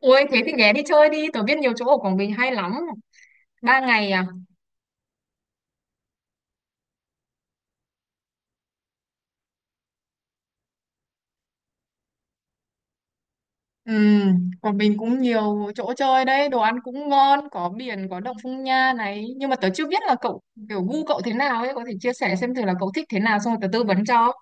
Ôi thế thì ghé đi chơi đi, tớ biết nhiều chỗ ở Quảng Bình hay lắm. Ba ngày à? Ừ, Quảng Bình cũng nhiều chỗ chơi đấy, đồ ăn cũng ngon, có biển, có động Phong Nha này. Nhưng mà tớ chưa biết là cậu, kiểu gu cậu thế nào ấy, có thể chia sẻ xem thử là cậu thích thế nào xong rồi tớ tư vấn cho.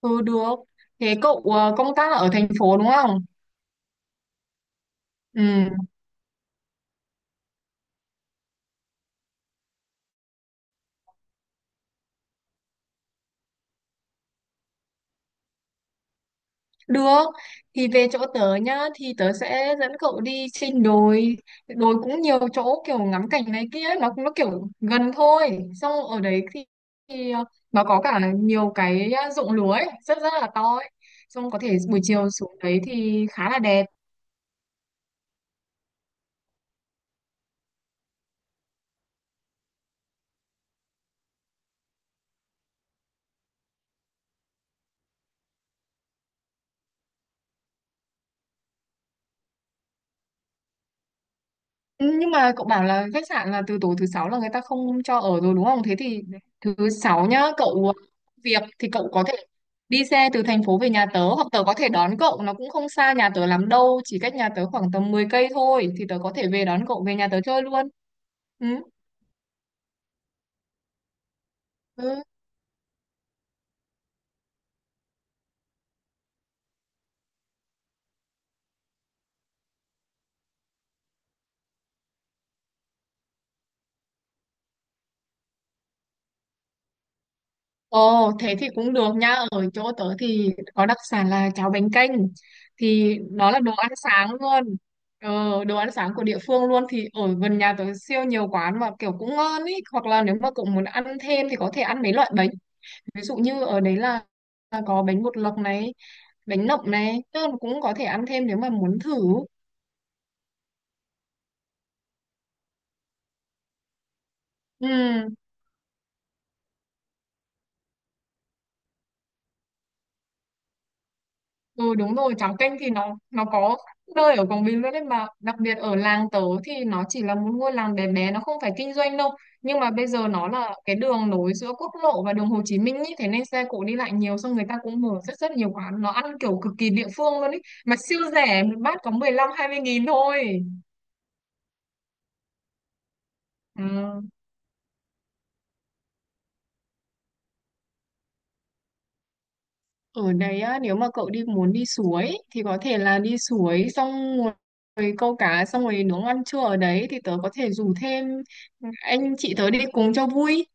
Ừ, được. Thế cậu công tác ở thành phố đúng không? Ừ, được, thì về chỗ tớ nhá, thì tớ sẽ dẫn cậu đi trên đồi. Đồi cũng nhiều chỗ kiểu ngắm cảnh này kia, nó kiểu gần thôi. Xong ở đấy thì, thì nó có cả nhiều cái ruộng lúa ấy, rất rất là to ấy. Xong có thể buổi chiều xuống đấy thì khá là đẹp. Ừ, nhưng mà cậu bảo là khách sạn là từ tối thứ sáu là người ta không cho ở rồi đúng không? Thế thì thứ sáu nhá, cậu ờ, việc thì cậu có thể đi xe từ thành phố về nhà tớ hoặc tớ có thể đón cậu, nó cũng không xa nhà tớ lắm đâu, chỉ cách nhà tớ khoảng tầm 10 cây thôi thì tớ có thể về đón cậu về nhà tớ chơi luôn. Ừ. Ừ. Ồ, thế thì cũng được nha. Ở chỗ tớ thì có đặc sản là cháo bánh canh. Thì đó là đồ ăn sáng luôn. Ờ, đồ ăn sáng của địa phương luôn. Thì ở gần nhà tớ siêu nhiều quán mà kiểu cũng ngon ý. Hoặc là nếu mà cậu muốn ăn thêm thì có thể ăn mấy loại bánh. Ví dụ như ở đấy là có bánh bột lọc này, bánh nậm này. Tức là cũng có thể ăn thêm nếu mà muốn thử. Ừ. Ừ đúng rồi, cháo canh thì nó có nơi ở Quảng Bình luôn đấy, mà đặc biệt ở làng tớ thì nó chỉ là một ngôi làng bé bé, nó không phải kinh doanh đâu, nhưng mà bây giờ nó là cái đường nối giữa quốc lộ và đường Hồ Chí Minh ý, thế nên xe cộ đi lại nhiều, xong người ta cũng mở rất rất nhiều quán, nó ăn kiểu cực kỳ địa phương luôn ý, mà siêu rẻ, một bát có 15 20 nghìn thôi. Ừ. Ở đấy á, nếu mà cậu muốn đi suối thì có thể là đi suối xong rồi câu cá xong rồi nướng ăn trưa ở đấy thì tớ có thể rủ thêm anh chị tớ đi cùng cho vui.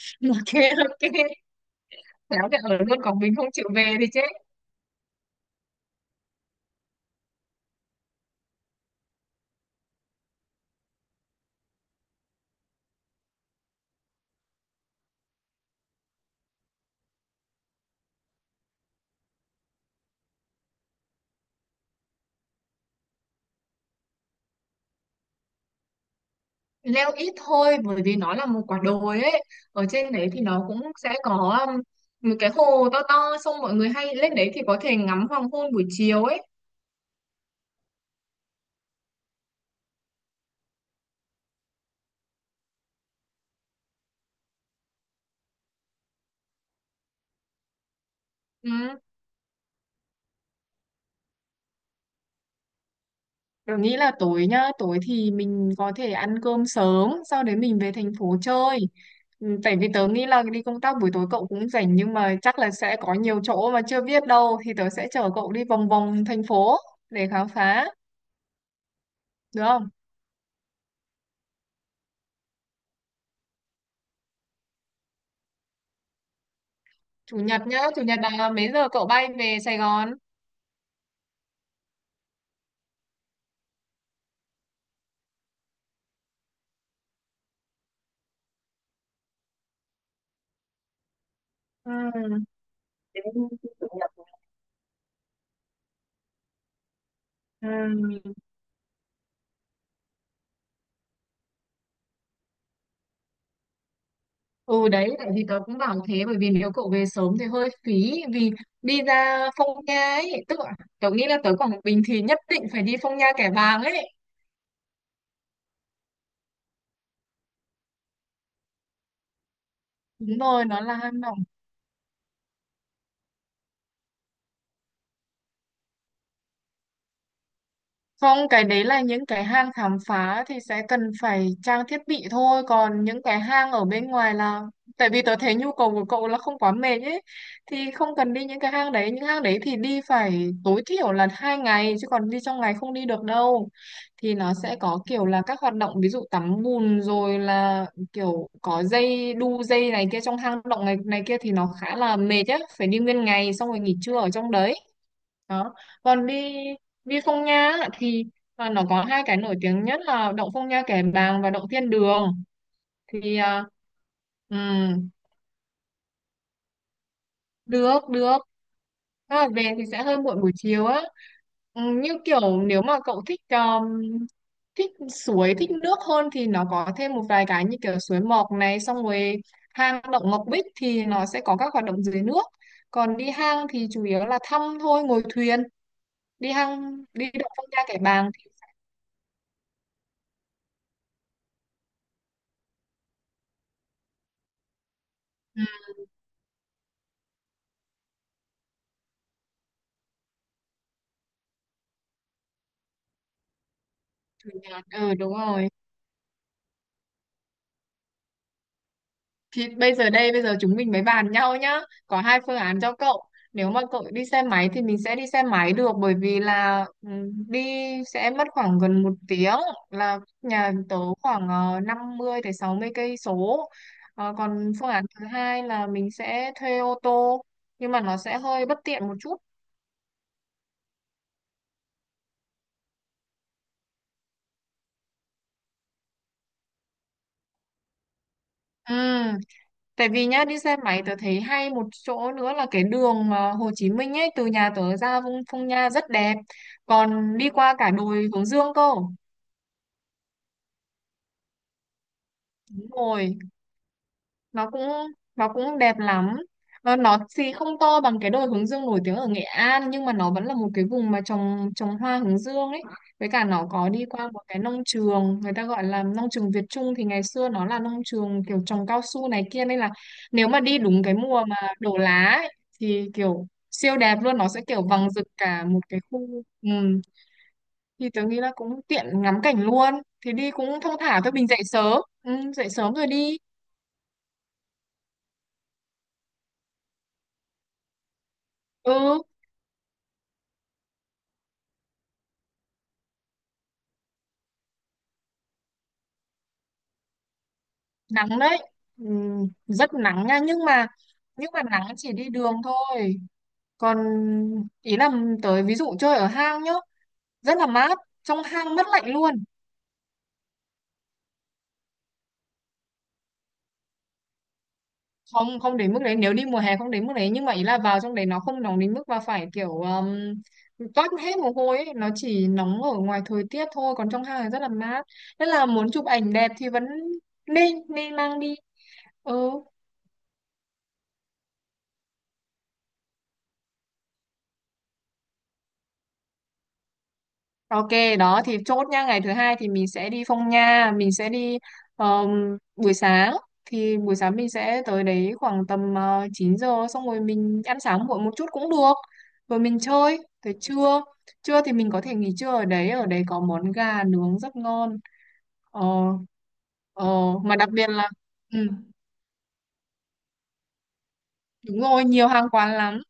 Ok ok. Nếu thì ở luôn còn mình không chịu về thì chết. Leo ít thôi bởi vì nó là một quả đồi ấy. Ở trên đấy thì nó cũng sẽ có một cái hồ to to, xong mọi người hay lên đấy thì có thể ngắm hoàng hôn buổi chiều ấy. Ừ. Tớ nghĩ là tối nhá, tối thì mình có thể ăn cơm sớm, sau đấy mình về thành phố chơi. Ừ, tại vì tớ nghĩ là đi công tác buổi tối cậu cũng rảnh, nhưng mà chắc là sẽ có nhiều chỗ mà chưa biết đâu thì tớ sẽ chở cậu đi vòng vòng thành phố để khám phá, được không? Chủ nhật nhá, chủ nhật là mấy giờ cậu bay về Sài Gòn? Ừ. Đến chủ nhật. Ừ. Ừ đấy, tại vì tớ cũng bảo thế, bởi vì nếu cậu về sớm thì hơi phí, vì đi ra Phong Nha ấy, tức là tớ nghĩ là tớ Quảng Bình thì nhất định phải đi Phong Nha Kẻ Bàng ấy, đúng rồi nó là... Không, cái đấy là những cái hang khám phá thì sẽ cần phải trang thiết bị thôi. Còn những cái hang ở bên ngoài là... Tại vì tớ thấy nhu cầu của cậu là không quá mệt ấy. Thì không cần đi những cái hang đấy. Những hang đấy thì đi phải tối thiểu là 2 ngày. Chứ còn đi trong ngày không đi được đâu. Thì nó sẽ có kiểu là các hoạt động ví dụ tắm bùn rồi là kiểu có dây đu dây này kia trong hang động này, này kia thì nó khá là mệt á. Phải đi nguyên ngày xong rồi nghỉ trưa ở trong đấy đó. Còn đi đi Phong Nha á, thì nó có hai cái nổi tiếng nhất là động Phong Nha Kẻ Bàng và động Thiên Đường, thì ừm, được được. Thế là về thì sẽ hơi muộn buổi chiều á. Như kiểu nếu mà cậu thích thích suối thích nước hơn thì nó có thêm một vài cái như kiểu suối Mọc này, xong rồi hang động Ngọc Bích thì nó sẽ có các hoạt động dưới nước, còn đi hang thì chủ yếu là thăm thôi, ngồi thuyền đi hang đi động Phong Nha Kẻ Bàng. Ừ, chủ nhật đúng rồi, thì bây giờ chúng mình mới bàn nhau nhá, có hai phương án cho cậu. Nếu mà cậu đi xe máy thì mình sẽ đi xe máy được, bởi vì là đi sẽ mất khoảng gần một tiếng, là nhà tớ khoảng 50 tới 60 cây số. Ờ, còn phương án thứ hai là mình sẽ thuê ô tô, nhưng mà nó sẽ hơi bất tiện một chút. Ừ. Tại vì nhá đi xe máy tớ thấy hay một chỗ nữa là cái đường mà Hồ Chí Minh ấy, từ nhà tớ ra Vung Phong Nha rất đẹp, còn đi qua cả đồi Hướng Dương cơ. Đúng rồi, nó cũng nó cũng đẹp lắm, nó thì không to bằng cái đồi hướng dương nổi tiếng ở Nghệ An, nhưng mà nó vẫn là một cái vùng mà trồng trồng hoa hướng dương ấy, với cả nó có đi qua một cái nông trường, người ta gọi là nông trường Việt Trung, thì ngày xưa nó là nông trường kiểu trồng cao su này kia, nên là nếu mà đi đúng cái mùa mà đổ lá ấy, thì kiểu siêu đẹp luôn, nó sẽ kiểu vàng rực cả một cái khu. Ừ. Thì tớ nghĩ là cũng tiện ngắm cảnh luôn, thì đi cũng thong thả thôi, mình dậy sớm, dậy sớm rồi đi. Ừ. Nắng đấy. Rất nắng nha, nhưng mà nắng chỉ đi đường thôi, còn ý là tới ví dụ chơi ở hang nhá rất là mát, trong hang mất lạnh luôn. Không không đến mức đấy, nếu đi mùa hè không đến mức đấy, nhưng mà ý là vào trong đấy nó không nóng đến mức mà phải kiểu toát hết mồ hôi ấy. Nó chỉ nóng ở ngoài thời tiết thôi, còn trong hang thì rất là mát, nên là muốn chụp ảnh đẹp thì vẫn nên nên mang đi. Ừ. Ok, đó thì chốt nha, ngày thứ hai thì mình sẽ đi Phong Nha, mình sẽ đi um, buổi sáng, thì buổi sáng mình sẽ tới đấy khoảng tầm 9 giờ xong rồi mình ăn sáng muộn một chút cũng được. Rồi mình chơi tới trưa. Trưa thì mình có thể nghỉ trưa ở đấy có món gà nướng rất ngon. Ờ ờ mà đặc biệt là ừ, đúng rồi, nhiều hàng quán lắm.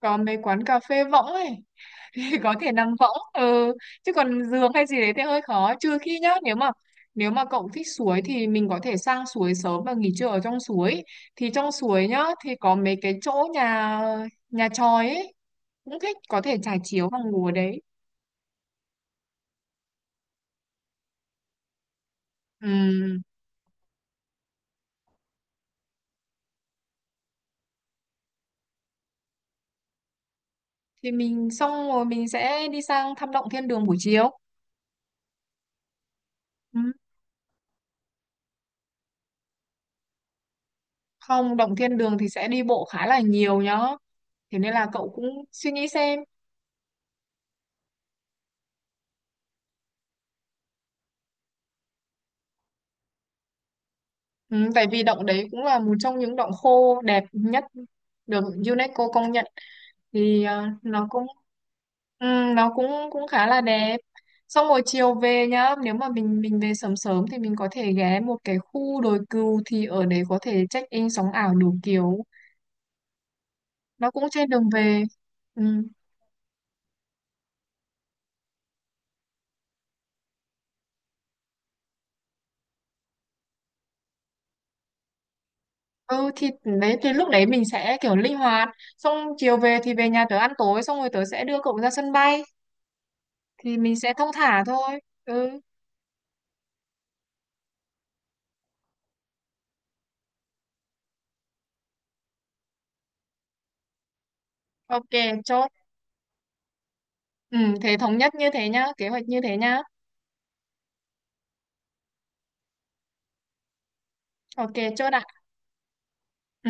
Có mấy quán cà phê võng ấy. Thì có thể nằm võng. Ừ. Chứ còn giường hay gì đấy thì hơi khó, trừ khi nhá nếu mà cậu thích suối thì mình có thể sang suối sớm và nghỉ trưa ở trong suối, thì trong suối nhá thì có mấy cái chỗ nhà nhà chòi ấy cũng thích, có thể trải chiếu và ngủ ở đấy. Ừ. Thì mình xong rồi mình sẽ đi sang thăm động thiên đường buổi chiều. Ừ. Không, động thiên đường thì sẽ đi bộ khá là nhiều nhá, thế nên là cậu cũng suy nghĩ xem. Ừ, tại vì động đấy cũng là một trong những động khô đẹp nhất được UNESCO công nhận, thì nó cũng ừ, cũng khá là đẹp. Xong rồi chiều về nhá, nếu mà mình về sớm sớm thì mình có thể ghé một cái khu đồi cừu, thì ở đấy có thể check in sóng ảo đủ kiểu. Nó cũng trên đường về. Ừ. Ừ thì đấy thì lúc đấy mình sẽ kiểu linh hoạt, xong chiều về thì về nhà tớ ăn tối, xong rồi tớ sẽ đưa cậu ra sân bay, thì mình sẽ thong thả thôi. Ừ. Ok, chốt. Ừ, thế thống nhất như thế nhá, kế hoạch như thế nhá. Ok, chốt ạ. Ừ.